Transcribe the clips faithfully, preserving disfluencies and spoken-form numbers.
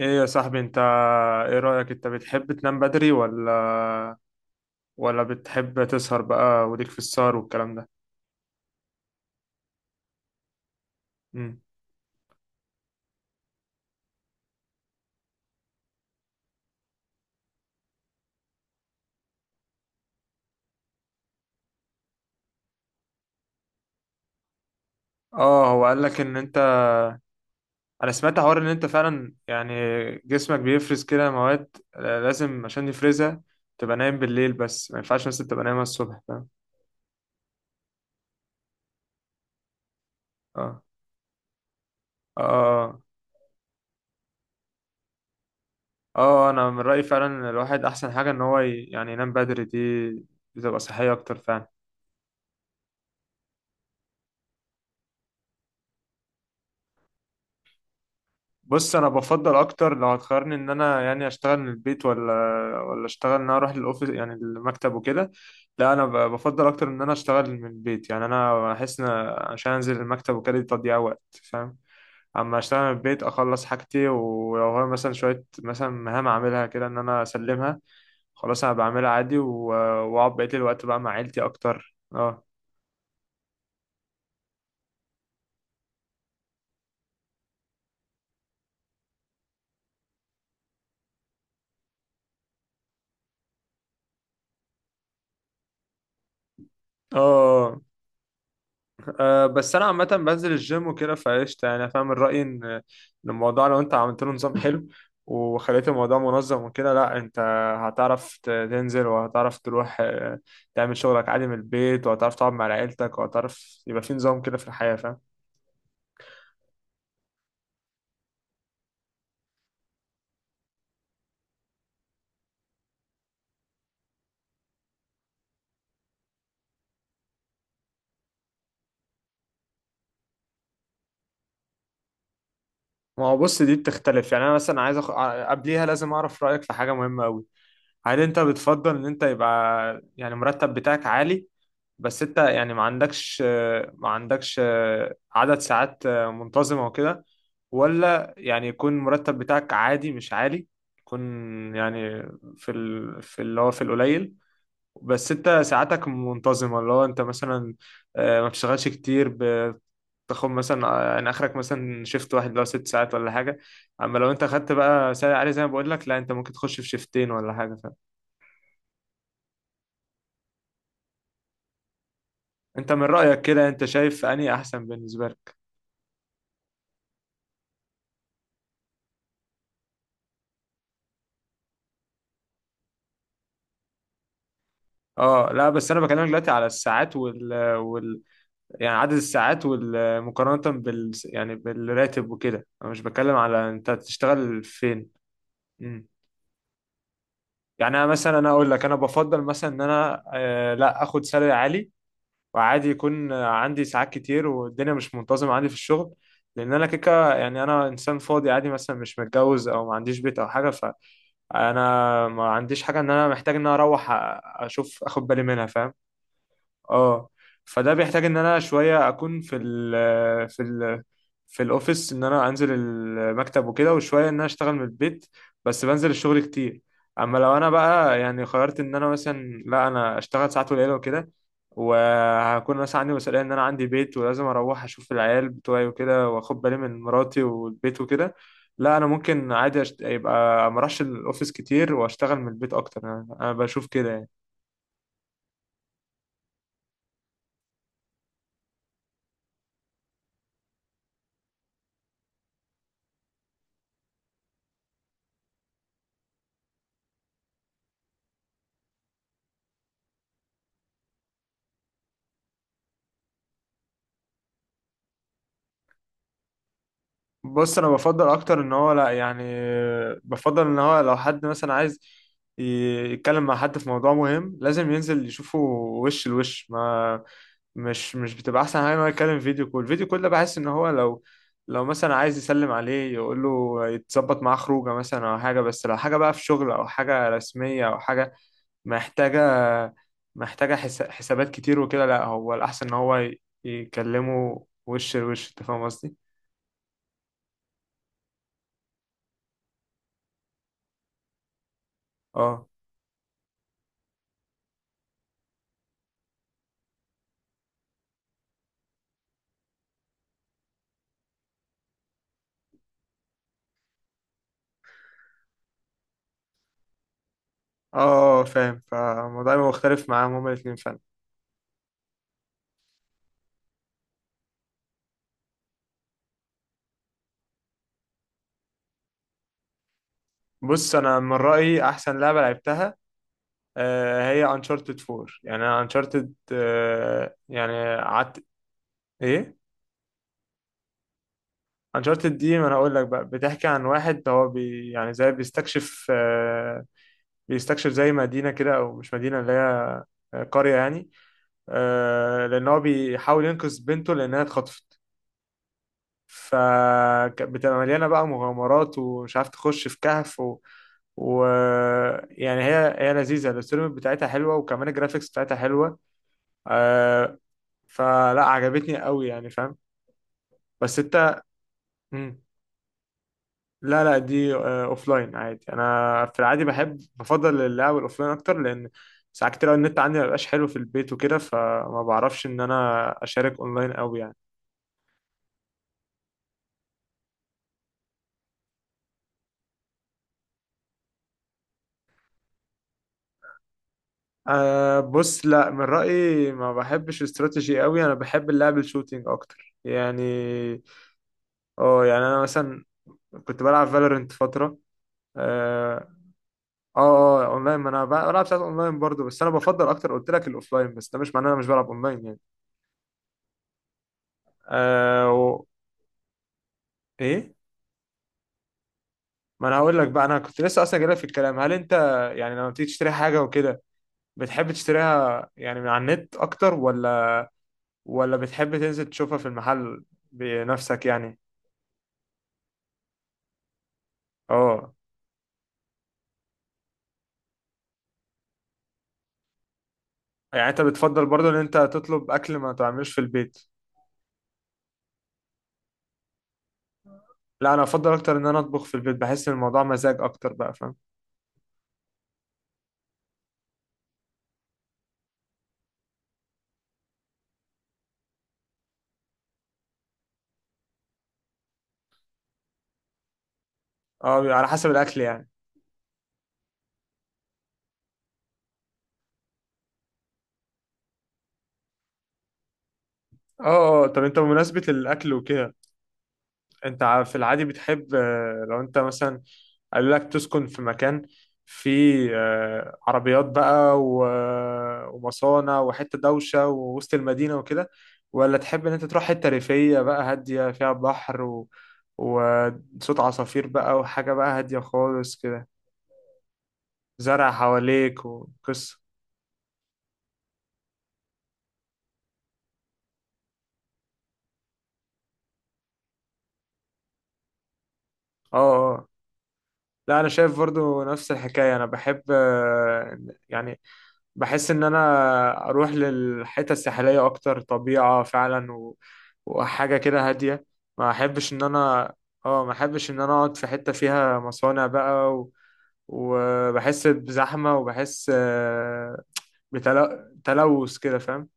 ايه يا صاحبي انت. ايه رأيك، انت بتحب تنام بدري ولا ولا بتحب تسهر بقى، وليك في السهر والكلام ده؟ امم اه، هو قال لك ان انت... انا سمعت حوار ان انت فعلا، يعني جسمك بيفرز كده مواد لازم، عشان يفرزها، تبقى نايم بالليل، بس ما ينفعش بس تبقى نايم الصبح، فاهم؟ اه اه اه اه، انا من رأيي فعلا إن الواحد احسن حاجة ان هو ي- يعني ينام بدري، دي بتبقى صحية اكتر فعلا. بص، انا بفضل اكتر لو هتخيرني ان انا يعني اشتغل من البيت ولا ولا اشتغل ان انا اروح الاوفيس، يعني المكتب وكده. لا، انا ب- بفضل اكتر ان انا اشتغل من البيت، يعني انا احس ان عشان انزل المكتب وكده دي تضييع وقت، فاهم؟ اما اشتغل من البيت اخلص حاجتي، ولو هو مثلا شويه مثلا مهام اعملها كده ان انا اسلمها، خلاص انا بعملها عادي و- واقعد بقيت الوقت بقى مع عيلتي اكتر. اه اه. أه، بس انا عامه بنزل الجيم وكده فقشطه، يعني أنا فاهم الراي ان إن الموضوع لو انت عملت له نظام حلو وخليت الموضوع منظم وكده، لا انت هتعرف ت- تنزل وهتعرف تروح، آه، تعمل شغلك عادي من البيت، وهتعرف تقعد مع عيلتك، وهتعرف يبقى في نظام كده في الحياه، فاهم؟ ما هو بص، دي بتختلف. يعني انا مثلا عايز أخ... ع- قبليها لازم اعرف رايك في حاجه مهمه قوي. هل انت بتفضل ان انت يبقى يعني المرتب بتاعك عالي، بس انت يعني ما عندكش ما عندكش عدد ساعات منتظمة وكده، ولا يعني يكون المرتب بتاعك عادي مش عالي، يكون يعني في ال... في اللي هو في القليل، بس انت ساعاتك منتظمة، اللي هو انت مثلا آه، ما بتشتغلش كتير، ب- تاخد مثلا، آه، يعني اخرك مثلا شيفت واحد لو ست ساعات ولا حاجة، اما لو انت خدت بقى ساعة عالية زي ما بقول لك، لا انت ممكن تخش في شيفتين ولا حاجة. فانت من رأيك كده انت شايف انهي احسن بالنسبة لك؟ اه، لا بس انا بكلمك دلوقتي على الساعات وال, وال... يعني عدد الساعات وال... مقارنة بال، يعني بالراتب وكده، انا مش بتكلم على انت تشتغل فين. مم. يعني انا مثلا، انا اقول لك انا بفضل مثلا ان انا آه لا اخد سالري عالي، وعادي يكون عندي ساعات كتير والدنيا مش منتظمة عندي في الشغل، لان انا كيكه، يعني انا انسان فاضي عادي، مثلا مش متجوز او ما عنديش بيت او حاجه، فانا ما عنديش حاجه ان انا محتاج ان انا اروح أ- اشوف اخد بالي منها، فاهم؟ اه. فده بيحتاج ان انا شويه اكون في ال في ال في الاوفيس، ان انا انزل المكتب وكده، وشويه ان انا اشتغل من البيت، بس بنزل الشغل كتير. اما لو انا بقى يعني قررت ان انا مثلا لا انا اشتغل ساعات قليله وكده، وهكون مثلا عندي مسؤوليه ان انا عندي بيت ولازم اروح اشوف العيال بتوعي وكده، واخد بالي من مراتي والبيت وكده، لا انا ممكن عادي أشت... يبقى ما اروحش الاوفيس كتير واشتغل من البيت اكتر، انا أنا بشوف كده يعني. بص، انا بفضل اكتر ان هو لا يعني بفضل ان هو لو حد مثلا عايز ي- يتكلم مع حد في موضوع مهم، لازم ينزل يشوفه وش لوش، ما مش مش بتبقى احسن حاجه ان هو يتكلم فيديو كول. الفيديو كول ده بحس ان هو لو لو مثلا عايز يسلم عليه يقول له يتظبط معاه خروجه مثلا او حاجه، بس لو حاجه بقى في شغل او حاجه رسميه او حاجه محتاجه محتاجه حس- حسابات كتير وكده، لا هو الاحسن ان هو ي- يكلمه وش لوش، انت فاهم قصدي؟ اه اه، فاهم. فالموضوع يبقى مختلف معاهم هما الاثنين فعلا. بص، انا من رايي احسن لعبه لعبتها، آه، هي انشارتد فور، يعني انا انشارتد، يعني قعدت. ايه؟ انشارتد دي، ما انا اقول لك بقى، بتحكي عن واحد هو بي يعني زي بيستكشف، آه، بيستكشف زي مدينه كده، او مش مدينه، اللي هي آه، قريه يعني، آه، لان هو بيحاول ينقذ بنته لانها اتخطفت، فبتبقى مليانة بقى مغامرات، ومش عارف تخش في كهف و... و يعني هي هي لذيذة، الستوري بتاعتها حلوة، وكمان الجرافيكس بتاعتها حلوة، آه... فلا عجبتني قوي يعني، فاهم؟ بس انت... مم. لا لا، دي اوف لاين عادي، انا في العادي بحب بفضل اللعب الاوف لاين اكتر، لان ساعات كتير أوي النت عندي ما بيبقاش حلو في البيت وكده، فما بعرفش ان انا اشارك اونلاين قوي يعني. أه، بص، لا من رأيي ما بحبش استراتيجي قوي، انا بحب اللعب الشوتينج اكتر يعني. اه، يعني انا مثلا كنت بلعب فالورنت فترة. اه. اه، آه، اونلاين، ما انا بلعب ساعات اونلاين برضو، بس انا بفضل اكتر قلت لك الاوفلاين، بس ده مش معناه انا مش بلعب اونلاين يعني. أه و... ايه؟ ما انا هقول لك بقى، انا كنت لسه اصلا جايلك في الكلام، هل انت يعني لما بتيجي تشتري حاجة وكده بتحب تشتريها يعني من على النت اكتر، ولا ولا بتحب تنزل تشوفها في المحل بنفسك يعني؟ اه، يعني انت بتفضل برضه ان انت تطلب اكل ما تعملوش في البيت. لا، انا افضل اكتر ان انا اطبخ في البيت، بحس ان الموضوع مزاج اكتر بقى، فاهم؟ اه، بيبقى على حسب الاكل يعني. اه اه اه. طب، انت بمناسبة الاكل وكده، انت ع- في العادي بتحب، آه، لو انت مثلا قالوا لك تسكن في مكان فيه، آه، عربيات بقى و- ومصانع وحتة دوشة ووسط المدينة وكده، ولا تحب ان انت تروح حتة ريفية بقى هادية فيها بحر و... وصوت عصافير بقى، وحاجة بقى هادية خالص كده، زرع حواليك وقصة؟ اه اه. لا، انا شايف برضو نفس الحكاية. انا بحب، آه، يعني بحس ان انا اروح للحتة الساحلية اكتر طبيعة فعلا و... وحاجة كده هادية. ما احبش ان انا اه ما احبش ان انا اقعد في حتة فيها مصانع بقى، و... وبحس بزحمة وبحس آه، بتل- تلوث كده، فاهم؟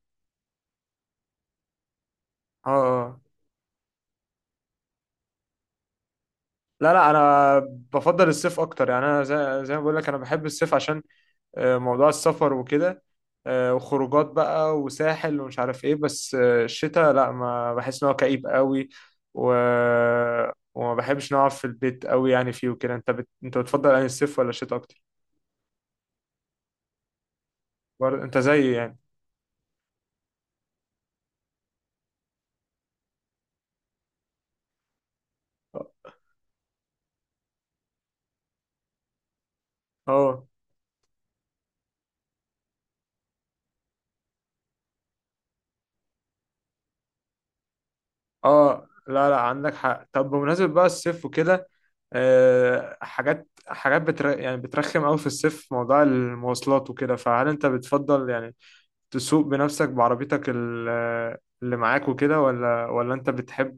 اه اه لا لا انا بفضل الصيف اكتر يعني انا زي, زي ما بقول لك انا بحب الصيف عشان آه، موضوع السفر وكده آه، وخروجات بقى وساحل ومش عارف ايه بس آه، الشتاء لا ما بحس ان هو كئيب قوي و... وما بحبش نقعد في البيت قوي يعني فيه وكده انت بت... انت بتفضل يعني الصيف ولا الشتاء اكتر برضه انت زيي يعني اه اه. لا لا، عندك حق. طب بمناسبة بقى الصيف وكده، آه حاجات حاجات بتر... يعني بترخم قوي في الصيف موضوع المواصلات وكده. فهل انت بتفضل يعني تسوق بنفسك بعربيتك ال- اللي معاك وكده، ولا ولا انت بتحب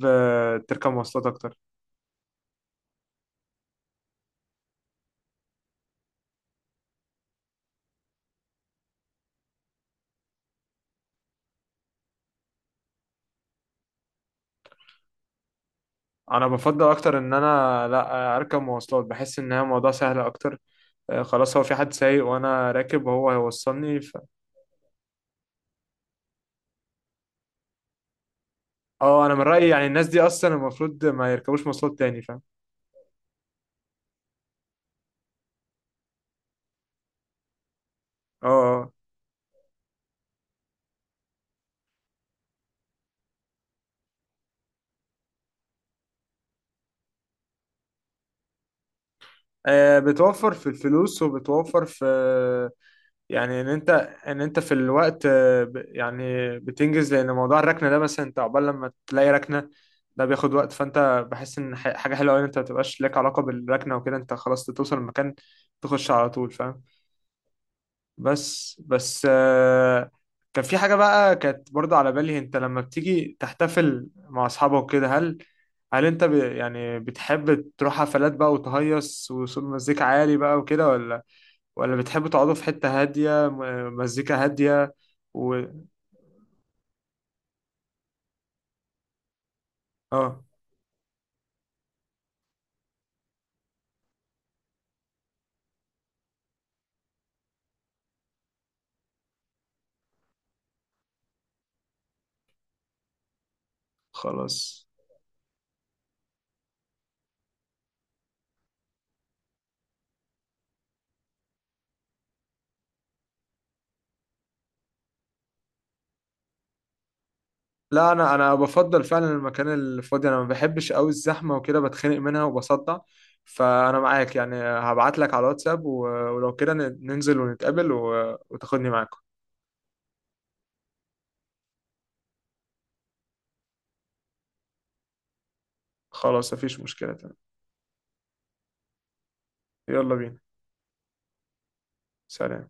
تركب مواصلات اكتر؟ انا بفضل اكتر ان انا لا اركب مواصلات، بحس ان هي موضوع سهل اكتر، آه، خلاص، هو في حد سايق وانا راكب وهو هيوصلني ف... اه. انا من رايي يعني الناس دي اصلا المفروض ما يركبوش مواصلات تاني، فاهم؟ اه آه. آه، بتوفر في الفلوس وبتوفر في يعني ان انت ان انت في الوقت، آه، ب- يعني بتنجز، لان موضوع الركنه ده مثلا انت عقبال لما تلاقي ركنه ده بياخد وقت، فانت بحس ان ح- حاجه حلوه قوي ان انت ما تبقاش لك علاقه بالركنه وكده، انت خلاص توصل المكان تخش على طول، فاهم؟ بس بس آه، كان في حاجه بقى كانت برضه على بالي. انت لما بتيجي تحتفل مع اصحابك كده، هل هل انت ب يعني بتحب تروح حفلات بقى وتهيص وصوت مزيكا عالي بقى وكده، ولا ولا بتحبوا تقعدوا في حتة هادية م- مزيكا هادية؟ و اه، خلاص. لا، انا انا بفضل فعلا المكان الفاضي، انا ما بحبش قوي الزحمة وكده، بتخنق منها وبصدع. فانا معاك، يعني هبعت لك على الواتساب و- ولو كده ن- ننزل ونتقابل و... وتاخدني معاكم. خلاص، مفيش مشكلة، تمام. يلا بينا. سلام.